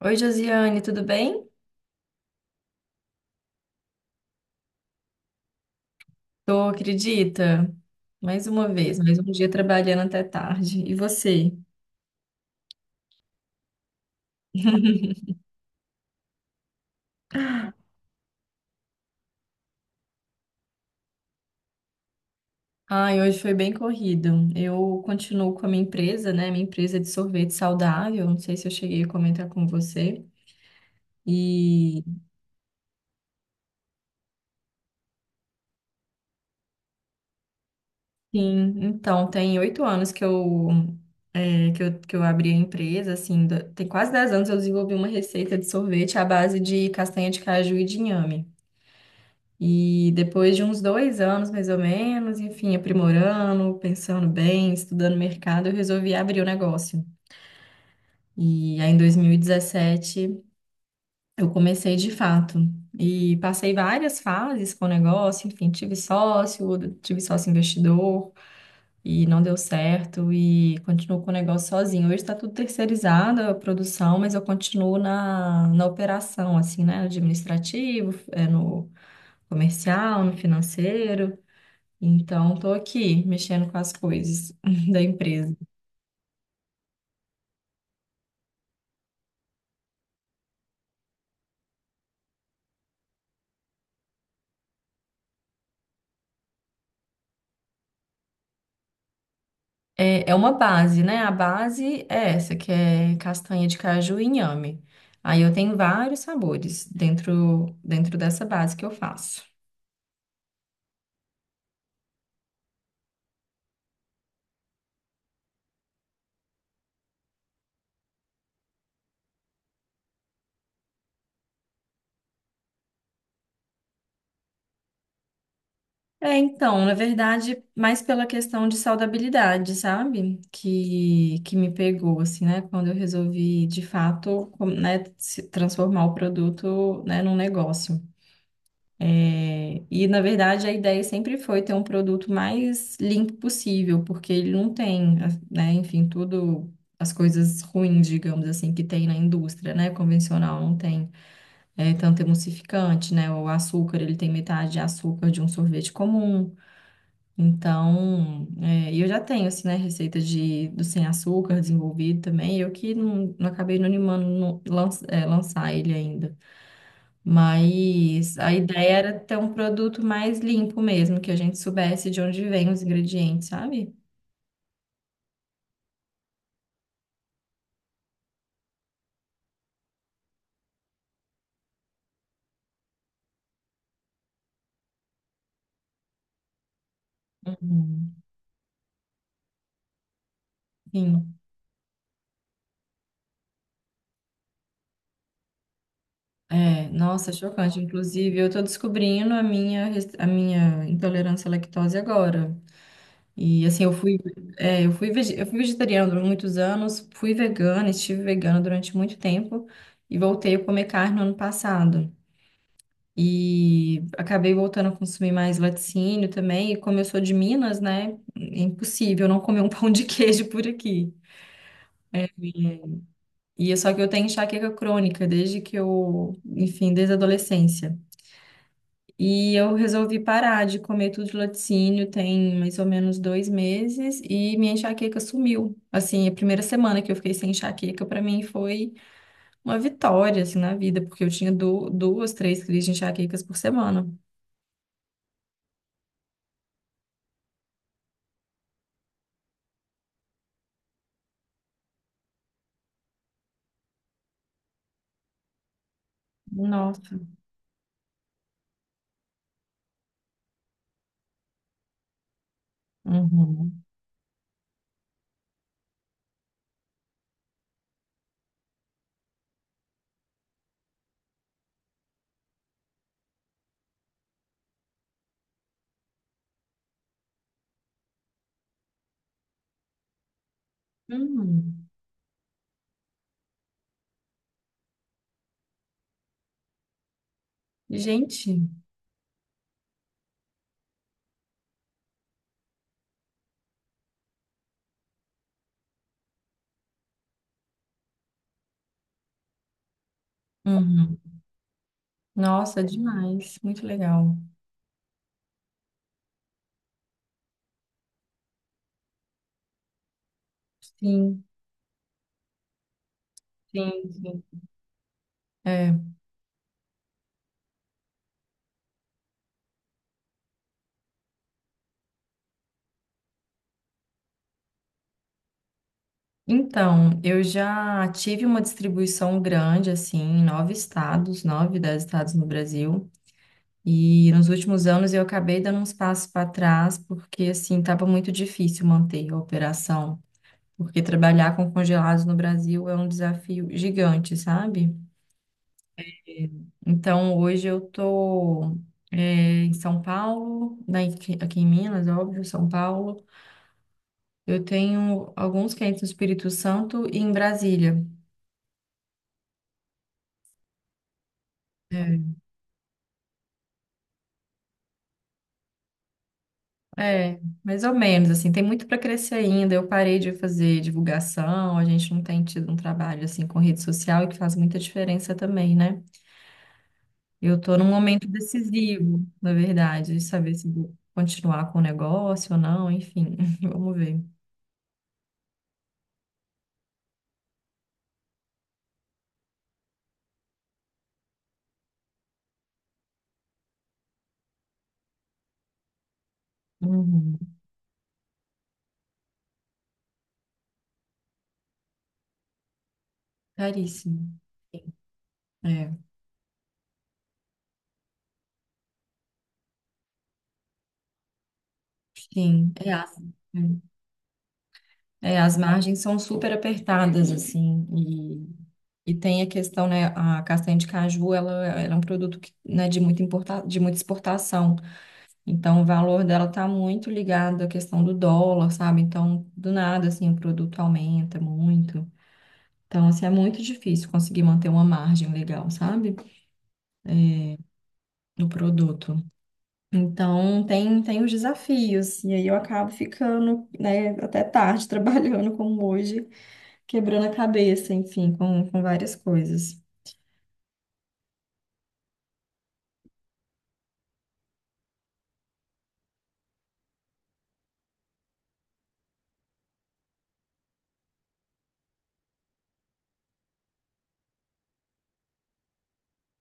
Oi, Josiane, tudo bem? Tô, acredita? Mais uma vez, mais um dia trabalhando até tarde. E você? Ai, hoje foi bem corrido. Eu continuo com a minha empresa, né? Minha empresa é de sorvete saudável. Não sei se eu cheguei a comentar com você. E sim, então, tem 8 anos que eu, é, que eu abri a empresa, assim, tem quase 10 anos eu desenvolvi uma receita de sorvete à base de castanha de caju e de inhame. E depois de uns 2 anos, mais ou menos, enfim, aprimorando, pensando bem, estudando mercado, eu resolvi abrir o negócio. E aí, em 2017, eu comecei de fato. E passei várias fases com o negócio, enfim, tive sócio investidor, e não deu certo, e continuo com o negócio sozinho. Hoje está tudo terceirizado, a produção, mas eu continuo na operação, assim, né? Administrativo, no comercial, no financeiro. Então, estou aqui mexendo com as coisas da empresa. É, é uma base, né? A base é essa, que é castanha de caju e inhame. Aí eu tenho vários sabores dentro dessa base que eu faço. É, então, na verdade, mais pela questão de saudabilidade, sabe? Que me pegou, assim, né? Quando eu resolvi, de fato, né, se transformar o produto, né, num negócio. E, na verdade, a ideia sempre foi ter um produto mais limpo possível, porque ele não tem, né, enfim, tudo, as coisas ruins, digamos assim, que tem na indústria, né, convencional, não tem tanto emulsificante, né, o açúcar, ele tem metade de açúcar de um sorvete comum. Então, e eu já tenho, assim, né, receita do sem açúcar desenvolvido também, eu que não, não acabei não animando lançar ele ainda. Mas a ideia era ter um produto mais limpo mesmo, que a gente soubesse de onde vem os ingredientes, sabe? Uhum. Sim. É, nossa, chocante. Inclusive, eu tô descobrindo a minha intolerância à lactose agora. E assim, eu fui vegetariana durante muitos anos, fui vegana, estive vegana durante muito tempo e voltei a comer carne no ano passado. E acabei voltando a consumir mais laticínio também. E como eu sou de Minas, né? É impossível não comer um pão de queijo por aqui. E e é só que eu tenho enxaqueca crônica desde que eu, enfim, desde a adolescência. E eu resolvi parar de comer tudo de laticínio tem mais ou menos 2 meses e minha enxaqueca sumiu. Assim, a primeira semana que eu fiquei sem enxaqueca, para mim foi uma vitória, assim, na vida, porque eu tinha duas, três crises de enxaquecas por semana. Nossa. Uhum. Hum, gente, uhum. Nossa, demais, muito legal. Sim, sim, sim. É. Então, eu já tive uma distribuição grande, assim, em nove estados, nove, 10 estados no Brasil. E nos últimos anos eu acabei dando uns passos para trás, porque, assim, estava muito difícil manter a operação. Porque trabalhar com congelados no Brasil é um desafio gigante, sabe? Então, hoje eu tô em São Paulo, né, aqui em Minas, óbvio, São Paulo. Eu tenho alguns clientes no Espírito Santo e em Brasília. É, mais ou menos, assim, tem muito para crescer ainda. Eu parei de fazer divulgação, a gente não tem tido um trabalho assim com rede social, e que faz muita diferença também, né? Eu tô num momento decisivo, na verdade, de saber se vou continuar com o negócio ou não, enfim, vamos ver. Uhum. Caríssimo. É. Sim, é ácido, né? É, as margens são super apertadas, assim, e tem a questão, né, a castanha de caju, ela é um produto que, né, de muita importa, de muita exportação, então o valor dela está muito ligado à questão do dólar, sabe? Então, do nada, assim, o produto aumenta muito. Então, assim, é muito difícil conseguir manter uma margem legal, sabe? No produto. Então, tem os desafios, e aí eu acabo ficando, né, até tarde trabalhando como hoje quebrando a cabeça, enfim, com várias coisas.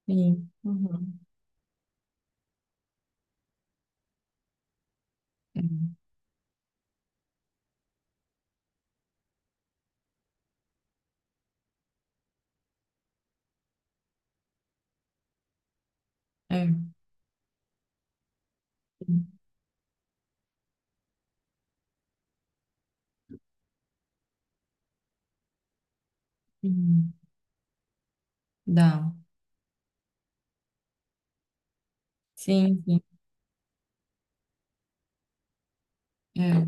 Sim. Uhum. É. É. Uhum. Dá. Sim, sim. É.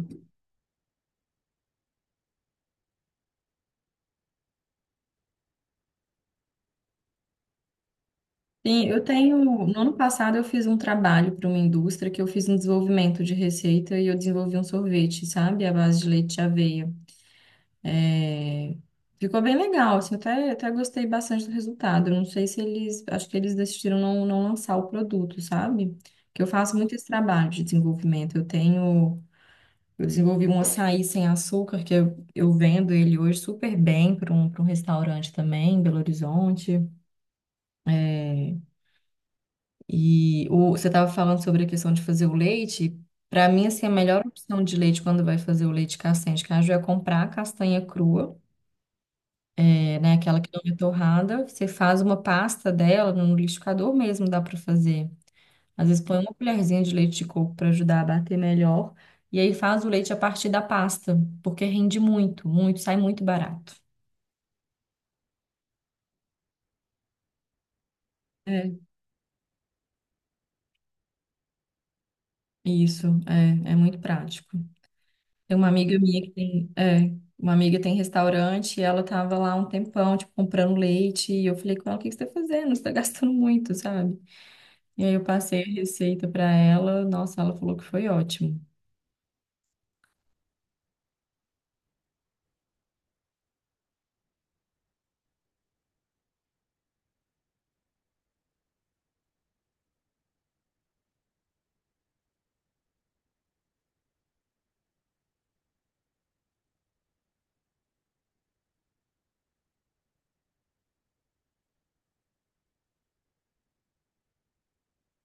Sim, eu tenho. No ano passado eu fiz um trabalho para uma indústria que eu fiz um desenvolvimento de receita e eu desenvolvi um sorvete, sabe? À base de leite de aveia. É, ficou bem legal, assim, eu até gostei bastante do resultado. Eu não sei se eles, acho que eles decidiram não, não lançar o produto, sabe? Que eu faço muito esse trabalho de desenvolvimento. Eu desenvolvi um açaí sem açúcar, que eu vendo ele hoje super bem para um restaurante também, em Belo Horizonte. É, você estava falando sobre a questão de fazer o leite. Para mim, assim, a melhor opção de leite quando vai fazer o leite castanha de caju é comprar a castanha crua, é, né? Aquela que não é torrada. Você faz uma pasta dela no liquidificador mesmo, dá para fazer. Às vezes põe uma colherzinha de leite de coco para ajudar a bater melhor. E aí faz o leite a partir da pasta, porque rende muito, muito, sai muito barato. É, isso, é muito prático. Tem uma amiga minha uma amiga tem restaurante e ela tava lá um tempão, tipo, comprando leite, e eu falei com ela, o que que você tá fazendo? Você tá gastando muito, sabe? E aí eu passei a receita pra ela, nossa, ela falou que foi ótimo.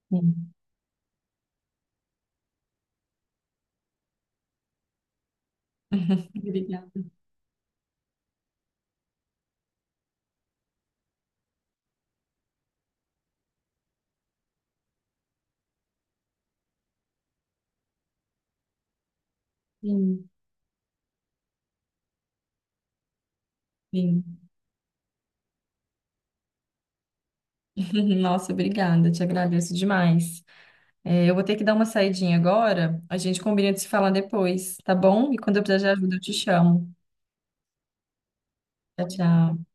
Sim. Obrigada. Sim, sim. Nossa, obrigada, te agradeço demais. É, eu vou ter que dar uma saidinha agora, a gente combina de se falar depois, tá bom? E quando eu precisar de ajuda, eu te chamo. Tchau, tchau.